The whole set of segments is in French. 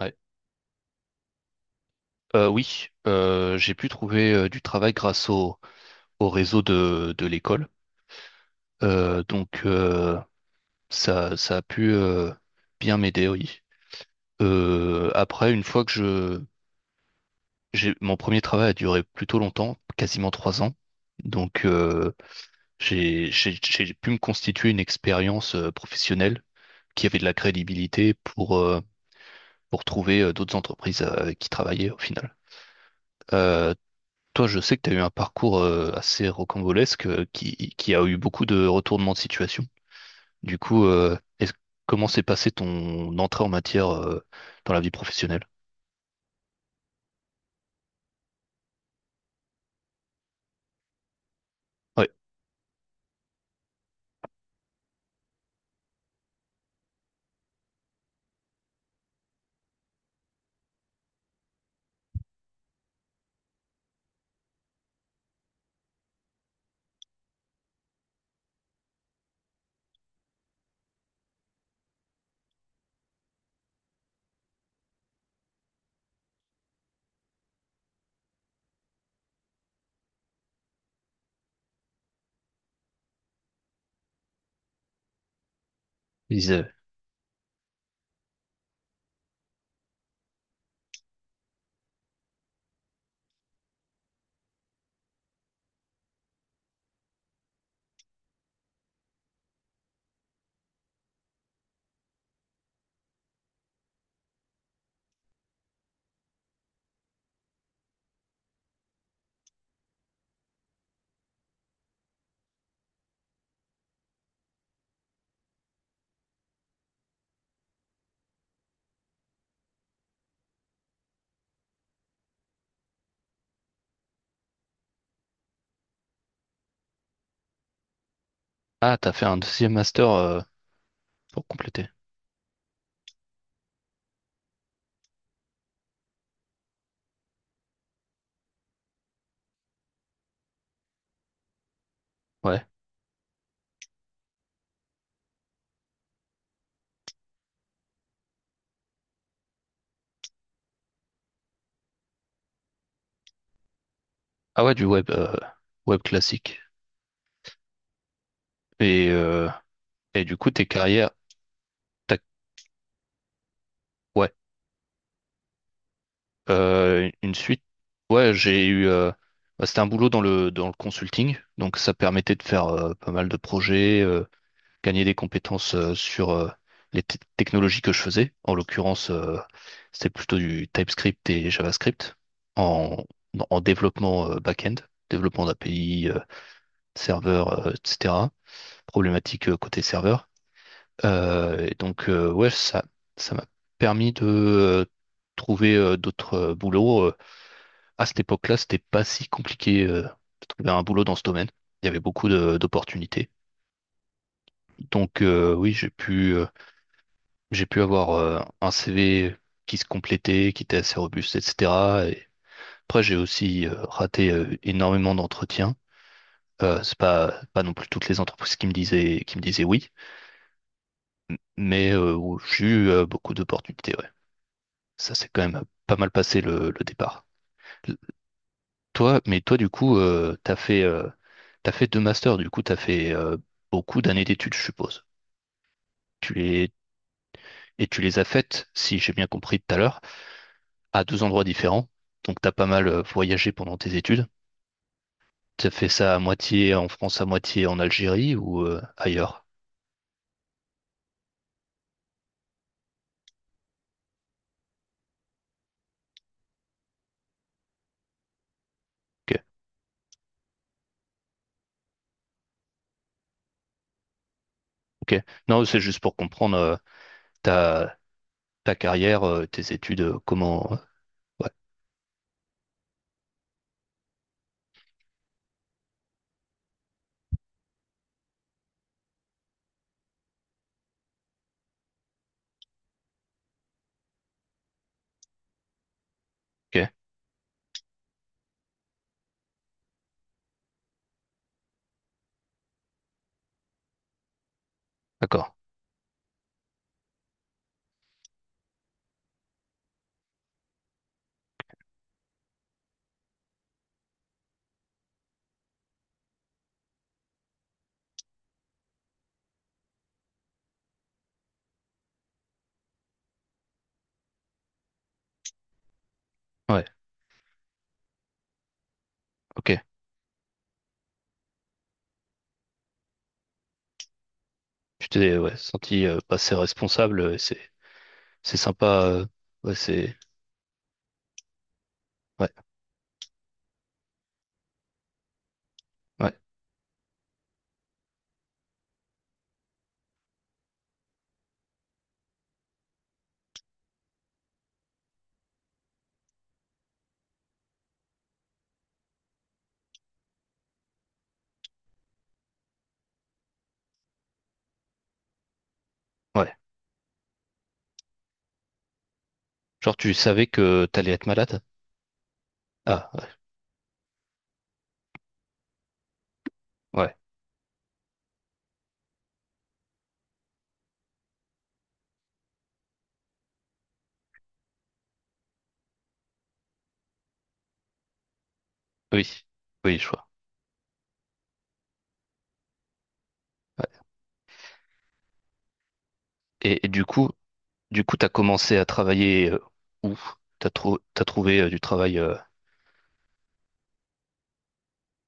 Ouais. Oui, j'ai pu trouver du travail grâce au réseau de l'école. Euh, donc euh, ça a pu bien m'aider, oui. Après, une fois que je, j'ai, mon premier travail a duré plutôt longtemps, quasiment trois ans. Donc euh, j'ai pu me constituer une expérience professionnelle qui avait de la crédibilité pour trouver d'autres entreprises avec qui travailler au final. Euh, Toi, je sais que tu as eu un parcours assez rocambolesque qui a eu beaucoup de retournements de situation. Du coup, euh, est-ce- comment s'est passée ton entrée en matière dans la vie professionnelle? Ouais, ils disaient, ah, t'as fait un deuxième master pour compléter. Ouais. Ah ouais, du web, web classique. Et, euh, et du coup, tes carrières, t'as- ouais, une suite. Ouais, j'ai eu, euh, c'était un boulot dans le consulting, donc ça permettait de faire pas mal de projets. Gagner des compétences sur les technologies que je faisais. En l'occurrence, c'était plutôt du TypeScript et JavaScript en, en développement back-end, développement d'API, serveur, etc. Problématique côté serveur. Ouais, ça m'a permis de trouver d'autres boulots. À cette époque-là, c'était pas si compliqué de trouver un boulot dans ce domaine. Il y avait beaucoup d'opportunités. Oui, J'ai pu avoir un CV qui se complétait, qui était assez robuste, etc. Et après, j'ai aussi raté énormément d'entretiens. C'est pas non plus toutes les entreprises qui me disaient oui, mais où j'ai eu beaucoup d'opportunités. Ouais. Ça s'est quand même pas mal passé le départ. L- Toi, mais toi, du coup, t'as fait deux masters. Du coup, t'as fait beaucoup d'années d'études, je suppose. Tu les, tu les as faites, si j'ai bien compris tout à l'heure, à deux endroits différents. Donc, tu as pas mal voyagé pendant tes études. Tu as fait ça à moitié en France, à moitié en Algérie ou ailleurs? Ok, ok. Non, c'est juste pour comprendre ta, ta carrière, tes études, comment. Ouais, ok, d'accord. Ouais, ok. Tu t'es senti passer responsable, c'est sympa. Ouais, c'est. Ouais, ouais, ouais. Genre, tu savais que t'allais être malade? Ah, ouais, ouais. Oui, oui, je vois. Ouais. Et du coup, t'as commencé à travailler où? T'as trouvé du travail.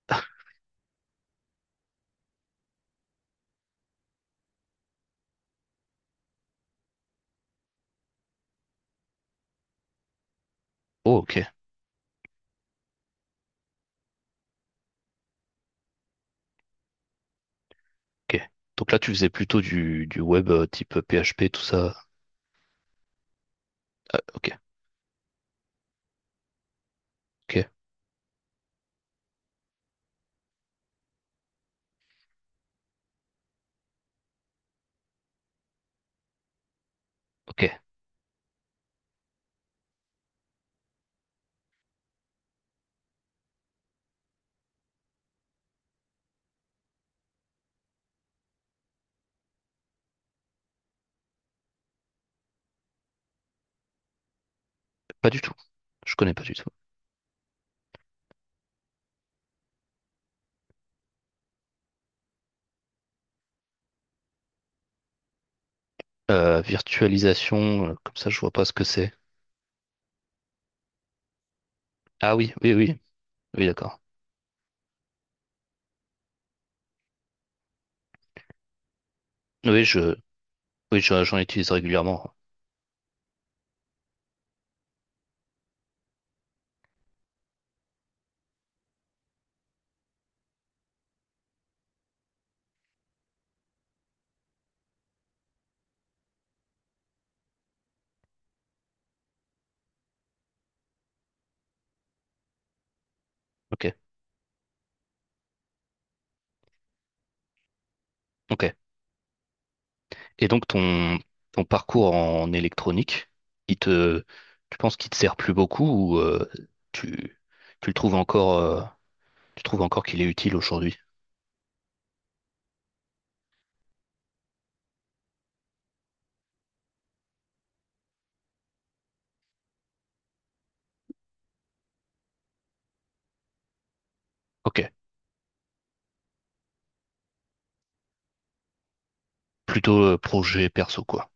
Oh, ok, ok. Donc là, tu faisais plutôt du web type PHP, tout ça. Ok, ok, ok. Pas du tout. Je connais pas du tout. Virtualisation, comme ça, je vois pas ce que c'est. Ah oui, oui, oui, oui, d'accord. Oui, je, oui, j'en utilise régulièrement. Ok, ok. Et donc ton parcours en électronique, il te, tu penses qu'il te sert plus beaucoup ou tu, tu le trouves encore, tu trouves encore qu'il est utile aujourd'hui? Ok, plutôt projet perso quoi.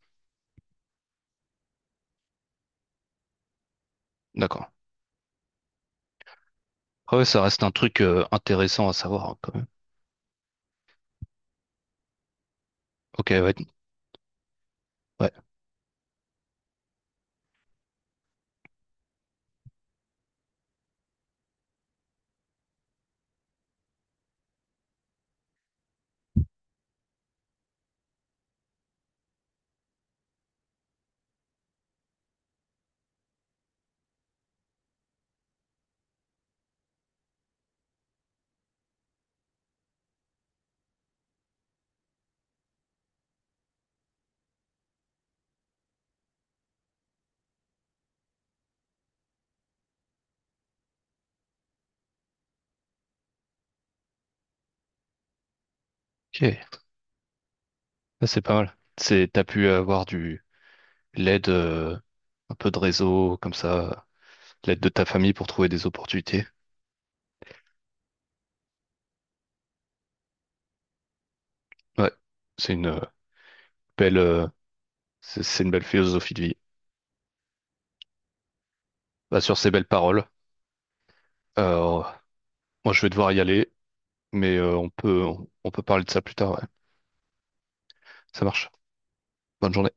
D'accord. Ah ouais, ça reste un truc intéressant à savoir hein, quand même. Ok, ouais, ouais. Ok, ça, c'est pas mal. C'est, t'as pu avoir du l'aide, un peu de réseau comme ça, l'aide de ta famille pour trouver des opportunités. Ouais, c'est une belle, c'est une belle philosophie de vie. Bah, sur ces belles paroles, euh, moi je vais devoir y aller, mais on peut parler de ça plus tard, ouais. Ça marche. Bonne journée.